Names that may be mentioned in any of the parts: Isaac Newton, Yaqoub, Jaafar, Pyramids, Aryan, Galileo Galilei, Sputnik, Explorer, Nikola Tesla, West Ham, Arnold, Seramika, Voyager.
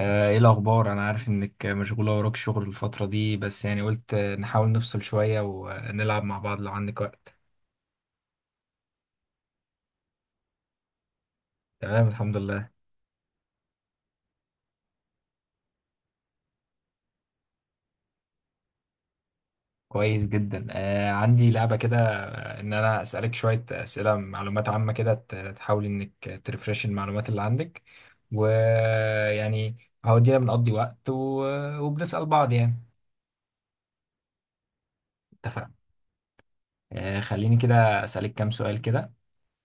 ايه الاخبار؟ انا عارف انك مشغوله وراك شغل الفتره دي، بس يعني قلت نحاول نفصل شويه ونلعب مع بعض لو عندك وقت. تمام الحمد لله. كويس جدا، آه عندي لعبه كده، ان انا اسالك شويه اسئله معلومات عامه كده، تحاول انك ترفرش المعلومات اللي عندك ويعني هودينا بنقضي وقت وبنسال بعض يعني. اتفقنا. آه خليني كده اسالك كام سؤال كده.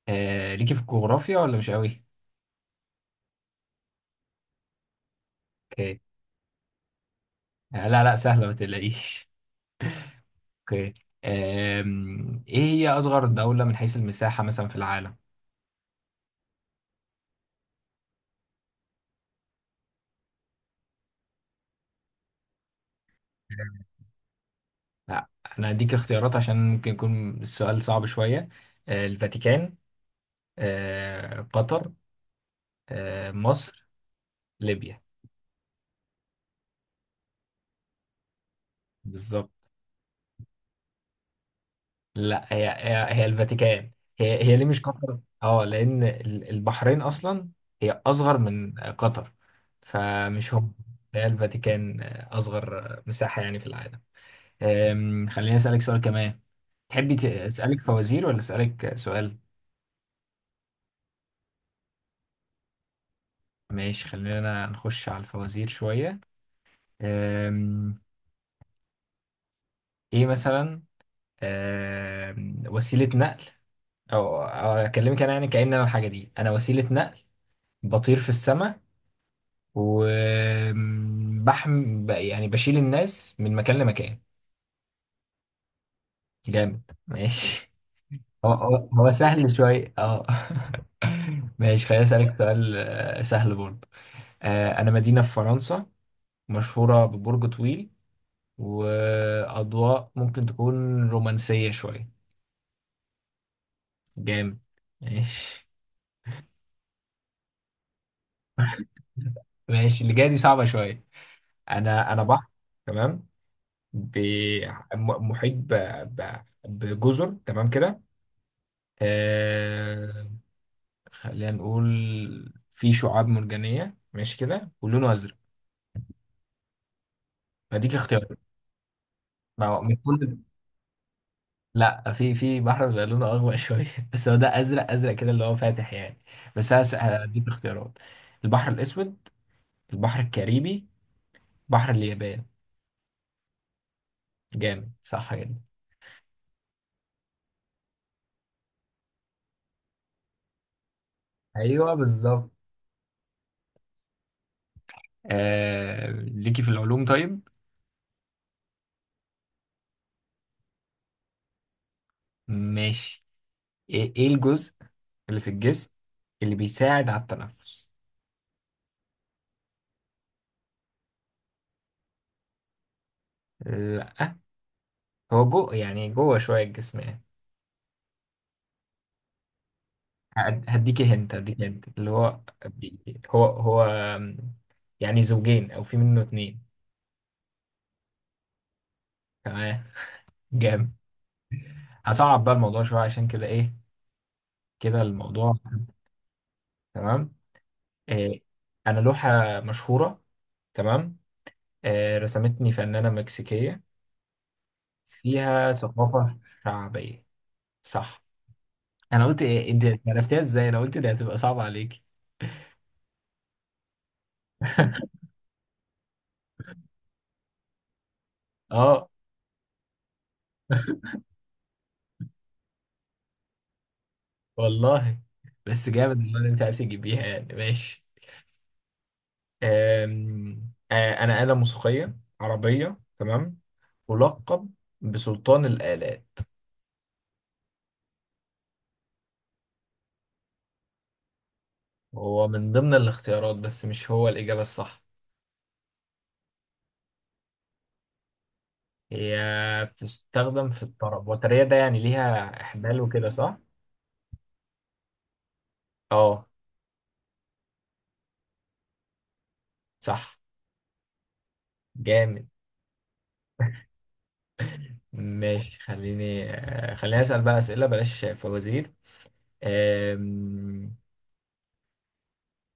آه ليكي في الجغرافيا ولا مش قوي؟ اوكي. لا لا سهله ما تقلقيش. اوكي. ايه هي اصغر دولة من حيث المساحة مثلا في العالم؟ لا انا اديك اختيارات عشان ممكن يكون السؤال صعب شوية. الفاتيكان. قطر. مصر. ليبيا. بالظبط. لا، هي الفاتيكان. هي ليه مش قطر؟ اه لان البحرين اصلا هي اصغر من قطر، فمش هم. هي الفاتيكان، اصغر مساحة يعني في العالم. خليني اسالك سؤال كمان. تحبي أسألك فوازير ولا أسألك سؤال؟ ماشي خلينا نخش على الفوازير شوية. أم، إيه مثلا؟ وسيلة نقل، أو أكلمك أنا يعني كأن أنا الحاجة دي. أنا وسيلة نقل، بطير في السماء، وبحم يعني بشيل الناس من مكان لمكان. جامد ماشي. هو سهل شوية اه. ماشي خليني أسألك سؤال سهل برضه. أنا مدينة في فرنسا، مشهورة ببرج طويل، وأضواء ممكن تكون رومانسية شوية. جامد ماشي. ماشي اللي جاية دي صعبة شوية. أنا بحر. تمام. ب- محيط بجزر تمام كده. آه... خلينا نقول في شعاب مرجانية ماشي كده ولونه أزرق، فديك اختيار. ما هو من كل. لا، في بحر بيبقى لونه أغوى شوية، بس هو ده أزرق أزرق كده اللي هو فاتح يعني. بس أنا هديك اختيارات. البحر الأسود. البحر الكاريبي. بحر اليابان. جامد صح جدا. ايوه بالظبط. ليكي في العلوم طيب؟ ماشي. إيه الجزء اللي في الجسم اللي بيساعد على التنفس؟ لا، هو جو يعني جوه شوية الجسم يعني. هديكي هنت اللي هو بي... هو هو آم، يعني زوجين او في منه اتنين. تمام جامد. هصعب بقى الموضوع شوية عشان كده، ايه كده الموضوع. تمام. آه، انا لوحة مشهورة، تمام، رسمتني فنانة مكسيكية، فيها ثقافة شعبية. صح. انا قلت ايه انت عرفتيها ازاي؟ انا قلت دي هتبقى صعبة عليك. اه والله، بس جامد والله اللي انت عرفت تجيبيها يعني ماشي. آم، آه، انا آلة موسيقية عربية، تمام، ملقب بسلطان الآلات. هو من ضمن الاختيارات بس مش هو الإجابة الصح. هي بتستخدم في الطرب، وترية ده يعني ليها إحمال وكده صح؟ اه صح جامد. ماشي خليني خليني أسأل بقى أسئلة بلاش فوازير. آم،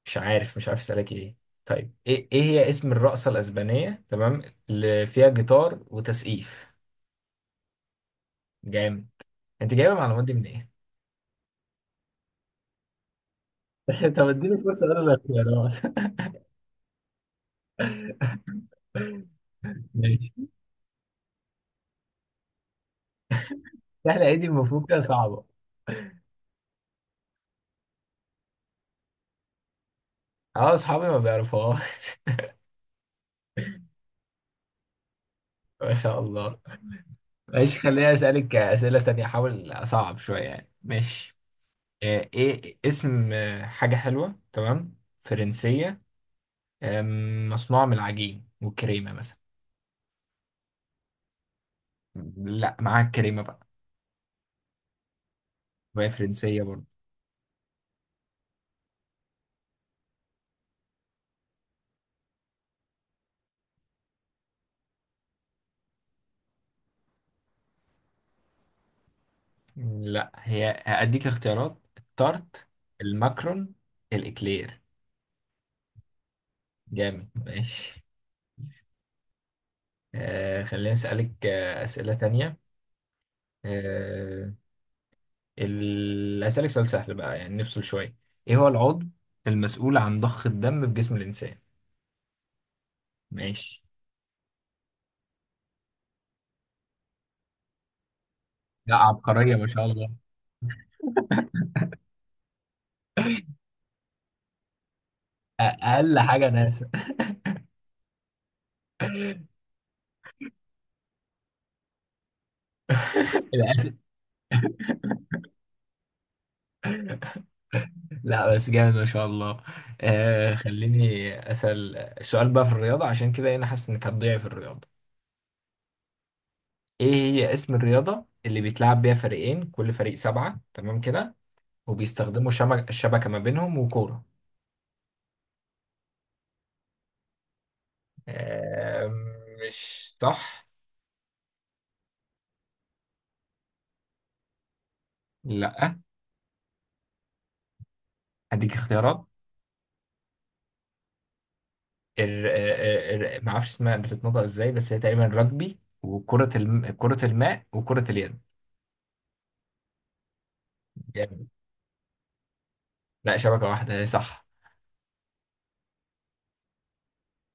مش عارف أسألك إيه. طيب إيه هي اسم الرقصة الأسبانية، تمام، اللي فيها جيتار وتسقيف؟ جامد. أنت جايبة المعلومات دي من إيه؟ طب اديني فرصة أقول الاختيارات. ماشي. سهلة إيه دي؟ المفروض كده صعبة. أه أصحابي ما بيعرفوها. ما شاء الله. ماشي خليني اسالك اسئله تانية، احاول اصعب شويه يعني، ماشي. ايه اسم حاجه حلوه تمام فرنسيه، مصنوعه من العجين والكريمه مثلا؟ لا معاها الكريمه بقى، وهي فرنسيه برضه. لا، هي هاديك اختيارات. التارت. الماكرون. الاكلير. جامد ماشي. خليني اسالك اسئله تانية. آه هسألك سؤال سهل بقى يعني نفصل شوية. ايه هو العضو المسؤول عن ضخ الدم في جسم الإنسان؟ ماشي. لا، عبقرية ما شاء الله. أقل حاجة ناسا. للأسف. لا بس جامد ما شاء الله. آه خليني أسأل السؤال بقى في الرياضة، عشان كده أنا حاسس إنك هتضيع في الرياضة. إيه هي اسم الرياضة اللي بيتلعب بيها فريقين، كل فريق سبعة، تمام كده، وبيستخدموا شبكة ما بينهم وكورة؟ آه مش صح. لا، أديك اختيارات. ما اعرفش اسمها بتتنطق ازاي، بس هي تقريبا رجبي وكرة الم... كرة الماء وكرة اليد. جامد. لا، شبكة واحدة هي، صح.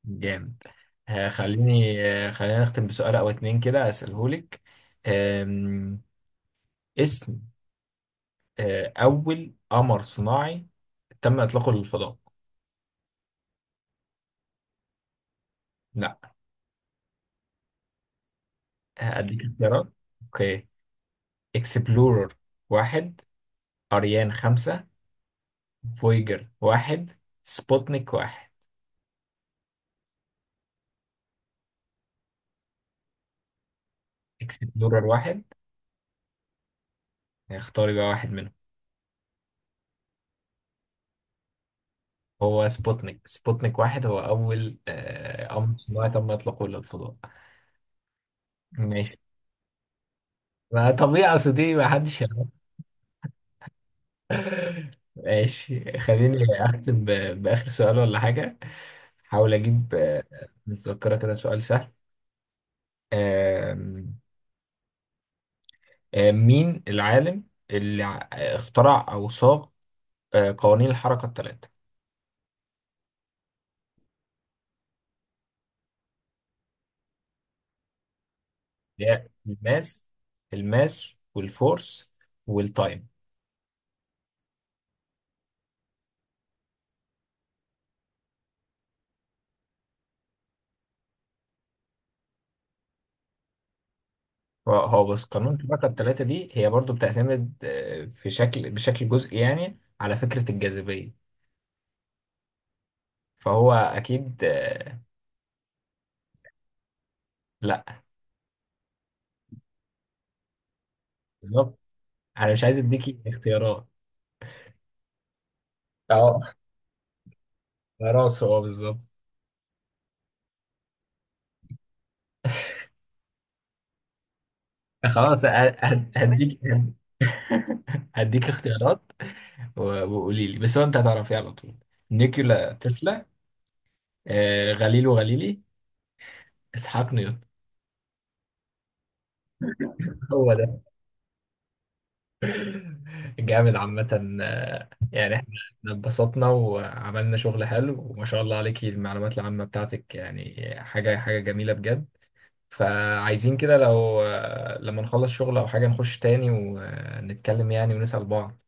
جامد. خليني خلينا نختم بسؤال او اتنين كده اسألهولك. آم، اسم اول قمر صناعي تم اطلاقه للفضاء. لا، هديك اختيارات. اوكي. اكسبلورر 1. اريان 5. فويجر 1. سبوتنيك 1. اكسبلورر 1. اختاري بقى واحد منهم. هو سبوتنيك 1 هو أول قمر صناعي تم إطلاقه للفضاء. ماشي. ما طبيعي، أصل دي ما حدش يعرف. ماشي خليني أختم بآخر سؤال ولا حاجة. حاول أجيب متذكرة كده سؤال سهل. آم، آم، مين العالم اللي اخترع أو صاغ قوانين الحركة الثلاثة؟ اللي هي الماس، والفورس والتايم. هو بص، قانون الطبقة الثلاثة دي هي برضو بتعتمد في شكل بشكل جزئي يعني على فكرة الجاذبية، فهو أكيد لأ. بالظبط. أنا مش عايز أديكي اختيارات. أه خلاص هو بالظبط. خلاص هديك. هديك اختيارات وقولي لي، بس هو أنت هتعرفيه على طول. نيكولا تسلا. غاليلو غاليلي. إسحاق نيوتن. هو. جامد عامة. يعني إحنا اتبسطنا وعملنا شغل حلو، وما شاء الله عليكي المعلومات العامة بتاعتك، يعني حاجة حاجة جميلة بجد. فعايزين كده لو لما نخلص شغل أو حاجة نخش تاني ونتكلم يعني ونسأل بعض.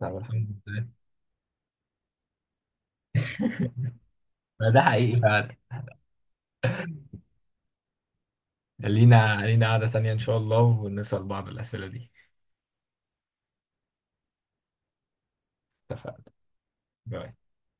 طب الحمد لله. ما ده حقيقي فعلا. لينا قعدة تانية إن شاء الله ونسأل بعض الأسئلة دي. اتفقنا. باي.